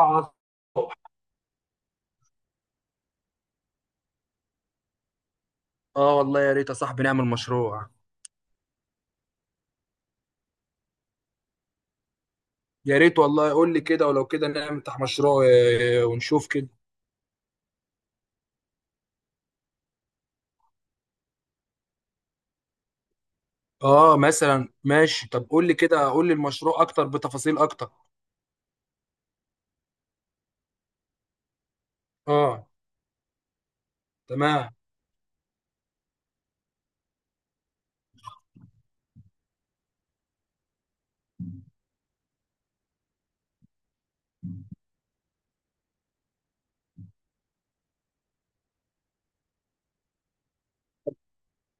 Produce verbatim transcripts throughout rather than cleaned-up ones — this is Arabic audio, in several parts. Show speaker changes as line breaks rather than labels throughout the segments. على الصبح. اه، والله يا ريت يا صاحبي نعمل مشروع. يا ريت والله قول لي كده، ولو كده نفتح مشروع آه، ونشوف كده. اه، مثلا ماشي. طب قول لي كده، قول لي المشروع اكتر بتفاصيل اكتر. اه. تمام.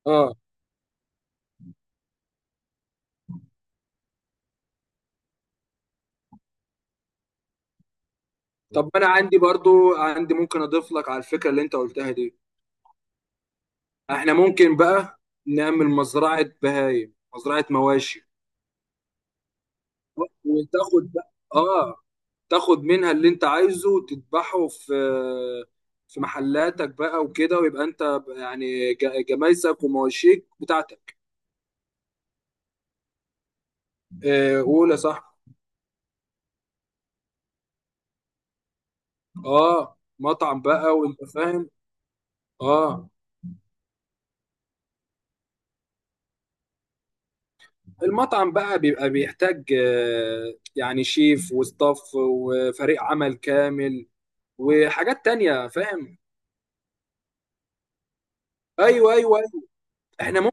اه. طب انا عندي برضو عندي ممكن اضيف لك على الفكرة اللي انت قلتها دي. احنا ممكن بقى نعمل مزرعة بهايم مزرعة مواشي. وتاخد بقى اه تاخد منها اللي انت عايزه وتذبحه في في محلاتك بقى وكده، ويبقى انت يعني ج- جمايسك ومواشيك بتاعتك. آه، قول يا صاحبي. اه، مطعم بقى وانت فاهم. اه، المطعم بقى بيبقى بيحتاج آه، يعني شيف وستاف وفريق عمل كامل وحاجات تانية، فاهم. ايوه، ايوه، ايوه. احنا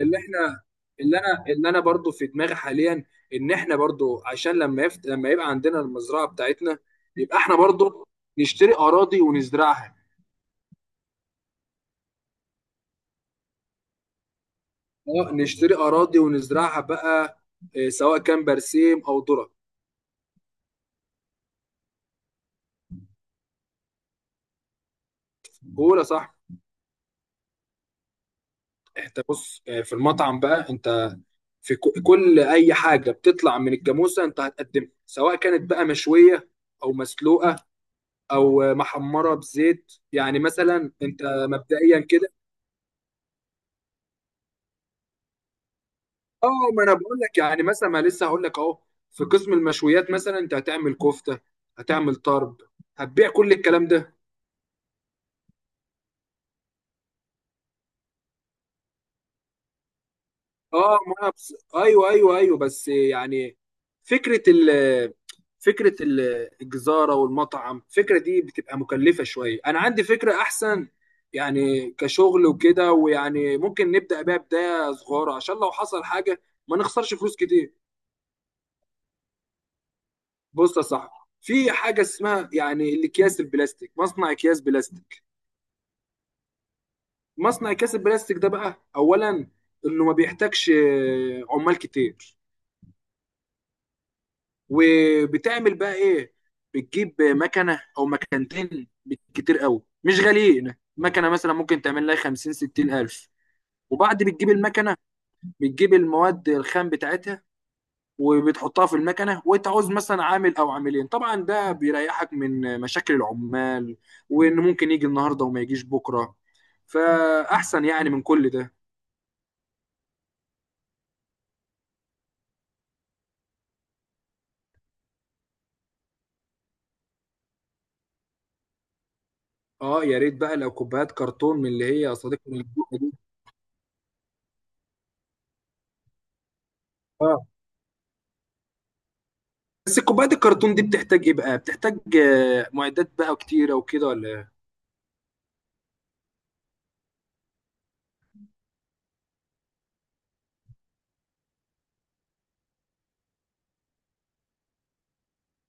اللي احنا اللي انا اللي انا برضو في دماغي حاليا ان احنا برضو عشان لما يفت... لما يبقى عندنا المزرعه بتاعتنا يبقى احنا برضو نشتري اراضي ونزرعها. اه، نشتري اراضي ونزرعها بقى، آه، سواء كان برسيم او ذره. بقول صح. انت بص، آه، في المطعم بقى انت في ك- كل اي حاجه بتطلع من الجاموسه انت هتقدمها، سواء كانت بقى مشويه او مسلوقه او آه، محمره بزيت، يعني مثلا انت مبدئيا كده. اه، ما انا بقول لك يعني مثلا، ما لسه هقول لك اهو. في قسم المشويات مثلا انت هتعمل كفته، هتعمل طرب، هتبيع كل الكلام ده. اه، ما انا بس... ايوه ايوه ايوه، بس يعني فكره ال فكره ال- الجزاره والمطعم الفكره دي بتبقى مكلفه شويه، انا عندي فكره احسن يعني كشغل وكده، ويعني ممكن نبدا بيها بدايه صغيره عشان لو حصل حاجه ما نخسرش فلوس كتير. بص يا صاحبي، في حاجه اسمها يعني الاكياس البلاستيك، مصنع اكياس بلاستيك. مصنع كاس البلاستيك ده بقى اولا انه ما بيحتاجش آه، عمال كتير. وبتعمل بقى ايه؟ بتجيب مكنه او مكنتين بالكتير قوي مش غاليين، مكنه مثلا ممكن تعمل لها خمسين ستين الف. وبعد بتجيب المكنه، بتجيب المواد الخام بتاعتها وبتحطها في المكنه وانت عاوز مثلا عامل او عاملين. طبعا ده بيريحك من مشاكل العمال وان ممكن يجي النهارده وما يجيش بكره، فاحسن يعني من كل ده. اه، يا ريت بقى لو كوبايات كرتون من اللي هي يا صديقي من الجبنة دي. اه، بس كوبايات الكرتون دي بتحتاج ايه بقى؟ بتحتاج آه، معدات بقى كتيره وكده، ولا إيه؟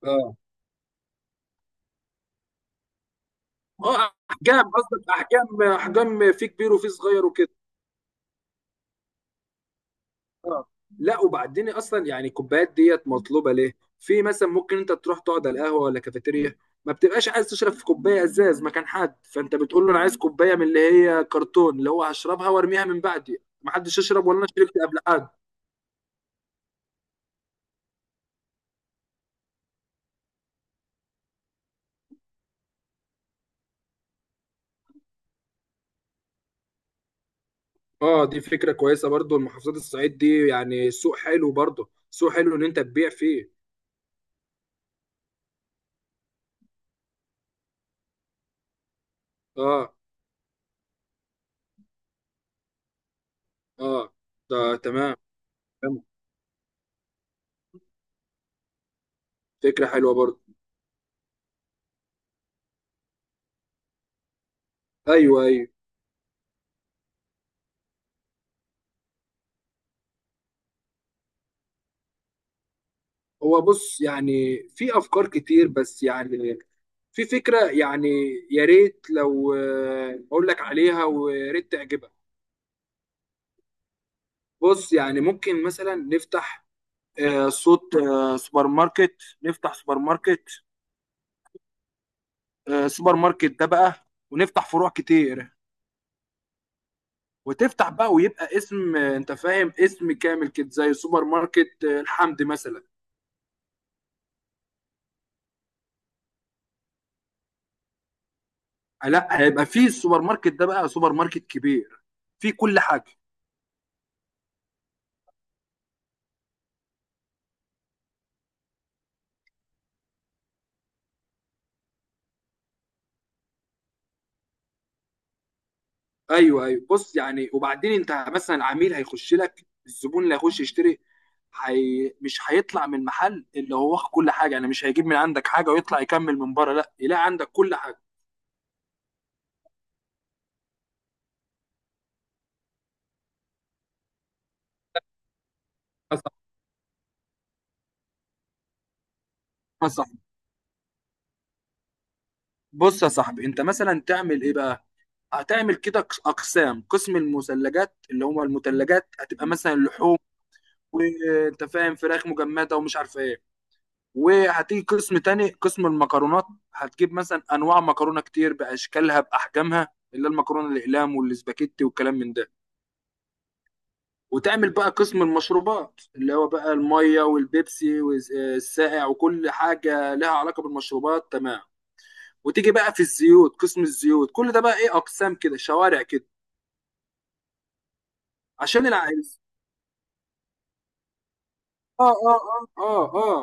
اه، اه، احجام قصدك، احجام، احجام، في كبير وفي صغير وكده. اه، لا، وبعدين اصلا يعني الكوبايات ديت مطلوبه ليه؟ في مثلا ممكن انت تروح تقعد على القهوه ولا كافيتيريا، ما بتبقاش عايز تشرب في كوبايه ازاز مكان حد، فانت بتقول له انا عايز كوبايه من اللي هي كرتون، اللي هو هشربها وارميها من بعدي، ما حدش يشرب ولا انا شربت قبل حد. اه، دي فكرة كويسة برضو. المحافظات الصعيد دي يعني سوق حلو، برضو سوق حلو ان انت تبيع فيه. اه، اه، ده تمام. تمام. فكرة حلوة برضو. ايوه، ايوه. هو بص، يعني في افكار كتير بس يعني في فكرة يعني، يا ريت لو آه، اقول لك عليها، ويا ريت تعجبك. بص يعني ممكن مثلا نفتح آه، صوت آه، سوبر ماركت نفتح سوبر ماركت. آه، سوبر ماركت ده بقى، ونفتح فروع كتير وتفتح بقى، ويبقى اسم آه، انت فاهم، اسم كامل كده، زي سوبر ماركت آه، الحمد مثلا. آه، لا، هيبقى فيه السوبر ماركت ده بقى سوبر ماركت كبير فيه كل حاجه. ايوه، ايوه، بص يعني، وبعدين انت مثلا العميل هيخش لك، الزبون اللي هيخش يشتري حي... مش هيطلع من المحل اللي هو واخد كل حاجه، يعني مش هيجيب من عندك حاجه ويطلع يكمل من بره، لا، يلاقي عندك كل حاجه. يا صاحبي، يا صاحبي، بص يا صاحبي، انت مثلا تعمل ايه بقى؟ هتعمل كده قس- اقسام. قسم المثلجات اللي هم المثلجات هتبقى مثلا لحوم وانت فاهم، فراخ مجمده ومش عارف ايه. وهتيجي قسم تاني، قسم المكرونات، هتجيب مثلا انواع مكرونه كتير باشكالها باحجامها، اللي هي المكرونه الاقلام والاسباجيتي والكلام من ده. وتعمل بقى قسم المشروبات اللي هو بقى الميه والبيبسي والسائع وكل حاجه لها علاقه بالمشروبات، تمام. وتيجي بقى في الزيوت، قسم الزيوت، كل ده بقى ايه؟ اقسام كده، شوارع كده، عشان اه اه اه اه اه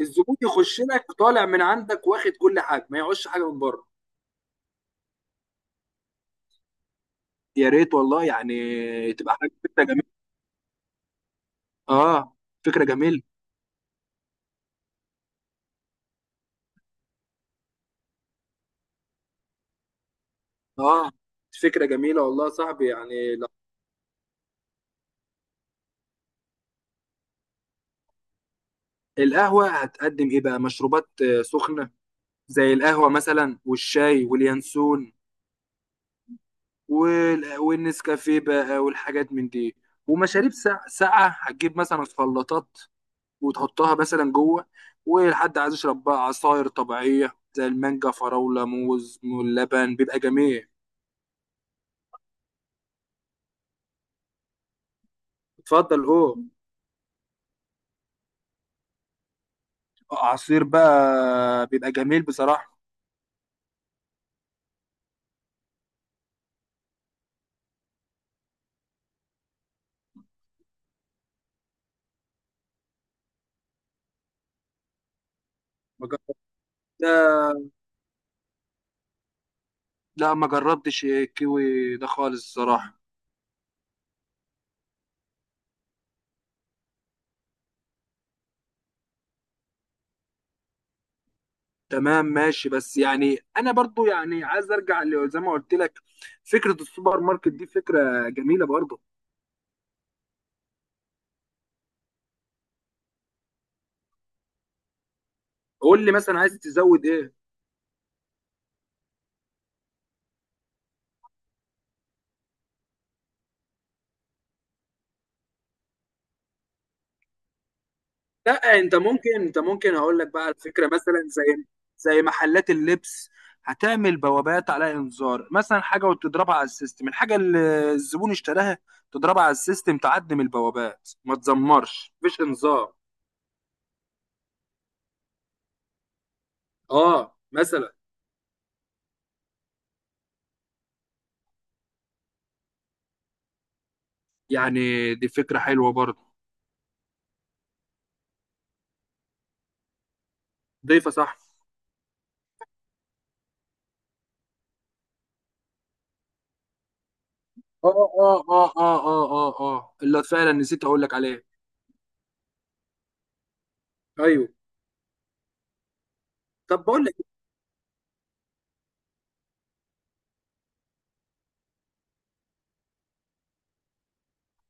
الزبون يخش لك طالع من عندك واخد كل حاجه ما يعوزش حاجه من بره. يا ريت والله يعني تبقى حاجه، فكره جميله. اه، فكره جميله. اه، فكره جميله والله يا صاحبي، يعني لا. القهوه هتقدم ايه بقى؟ مشروبات آه، سخنه زي القهوه مثلا والشاي واليانسون وال... والنسكافيه بقى والحاجات من دي. ومشاريب ساقعه، ساقعه هتجيب مثلا خلاطات وتحطها مثلا جوه، ولحد عايز يشرب بقى عصاير طبيعية زي المانجا، فراولة، موز، واللبن بيبقى جميل. اتفضل اوه. عصير بقى بيبقى جميل بصراحة. ما جربتها. لا، ما جربتش الكيوي ده خالص الصراحة. تمام ماشي، بس يعني انا برضو يعني عايز ارجع ل- زي ما قلت لك، فكرة السوبر ماركت دي فكرة جميلة برضو. قول لي مثلا عايز تزود ايه. لا، انت ممكن انت ممكن اقول لك بقى على فكره مثلا زي زي محلات اللبس، هتعمل بوابات على انذار مثلا حاجه وتضربها على السيستم الحاجه اللي الزبون اشتراها تضربها على السيستم، تعدم البوابات ما تزمرش، مفيش انذار. اه، مثلا يعني دي فكره حلوه برضه. ضيفه صح. اه، اه، اه، اه، اه، اه، اه، اللي فعلا نسيت اقول لك عليه. ايوه. طب بقول لك إيه؟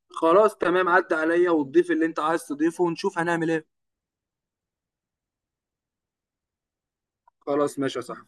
خلاص تمام، عدى عليا وتضيف اللي انت عايز تضيفه ونشوف هنعمل ايه. خلاص ماشي صح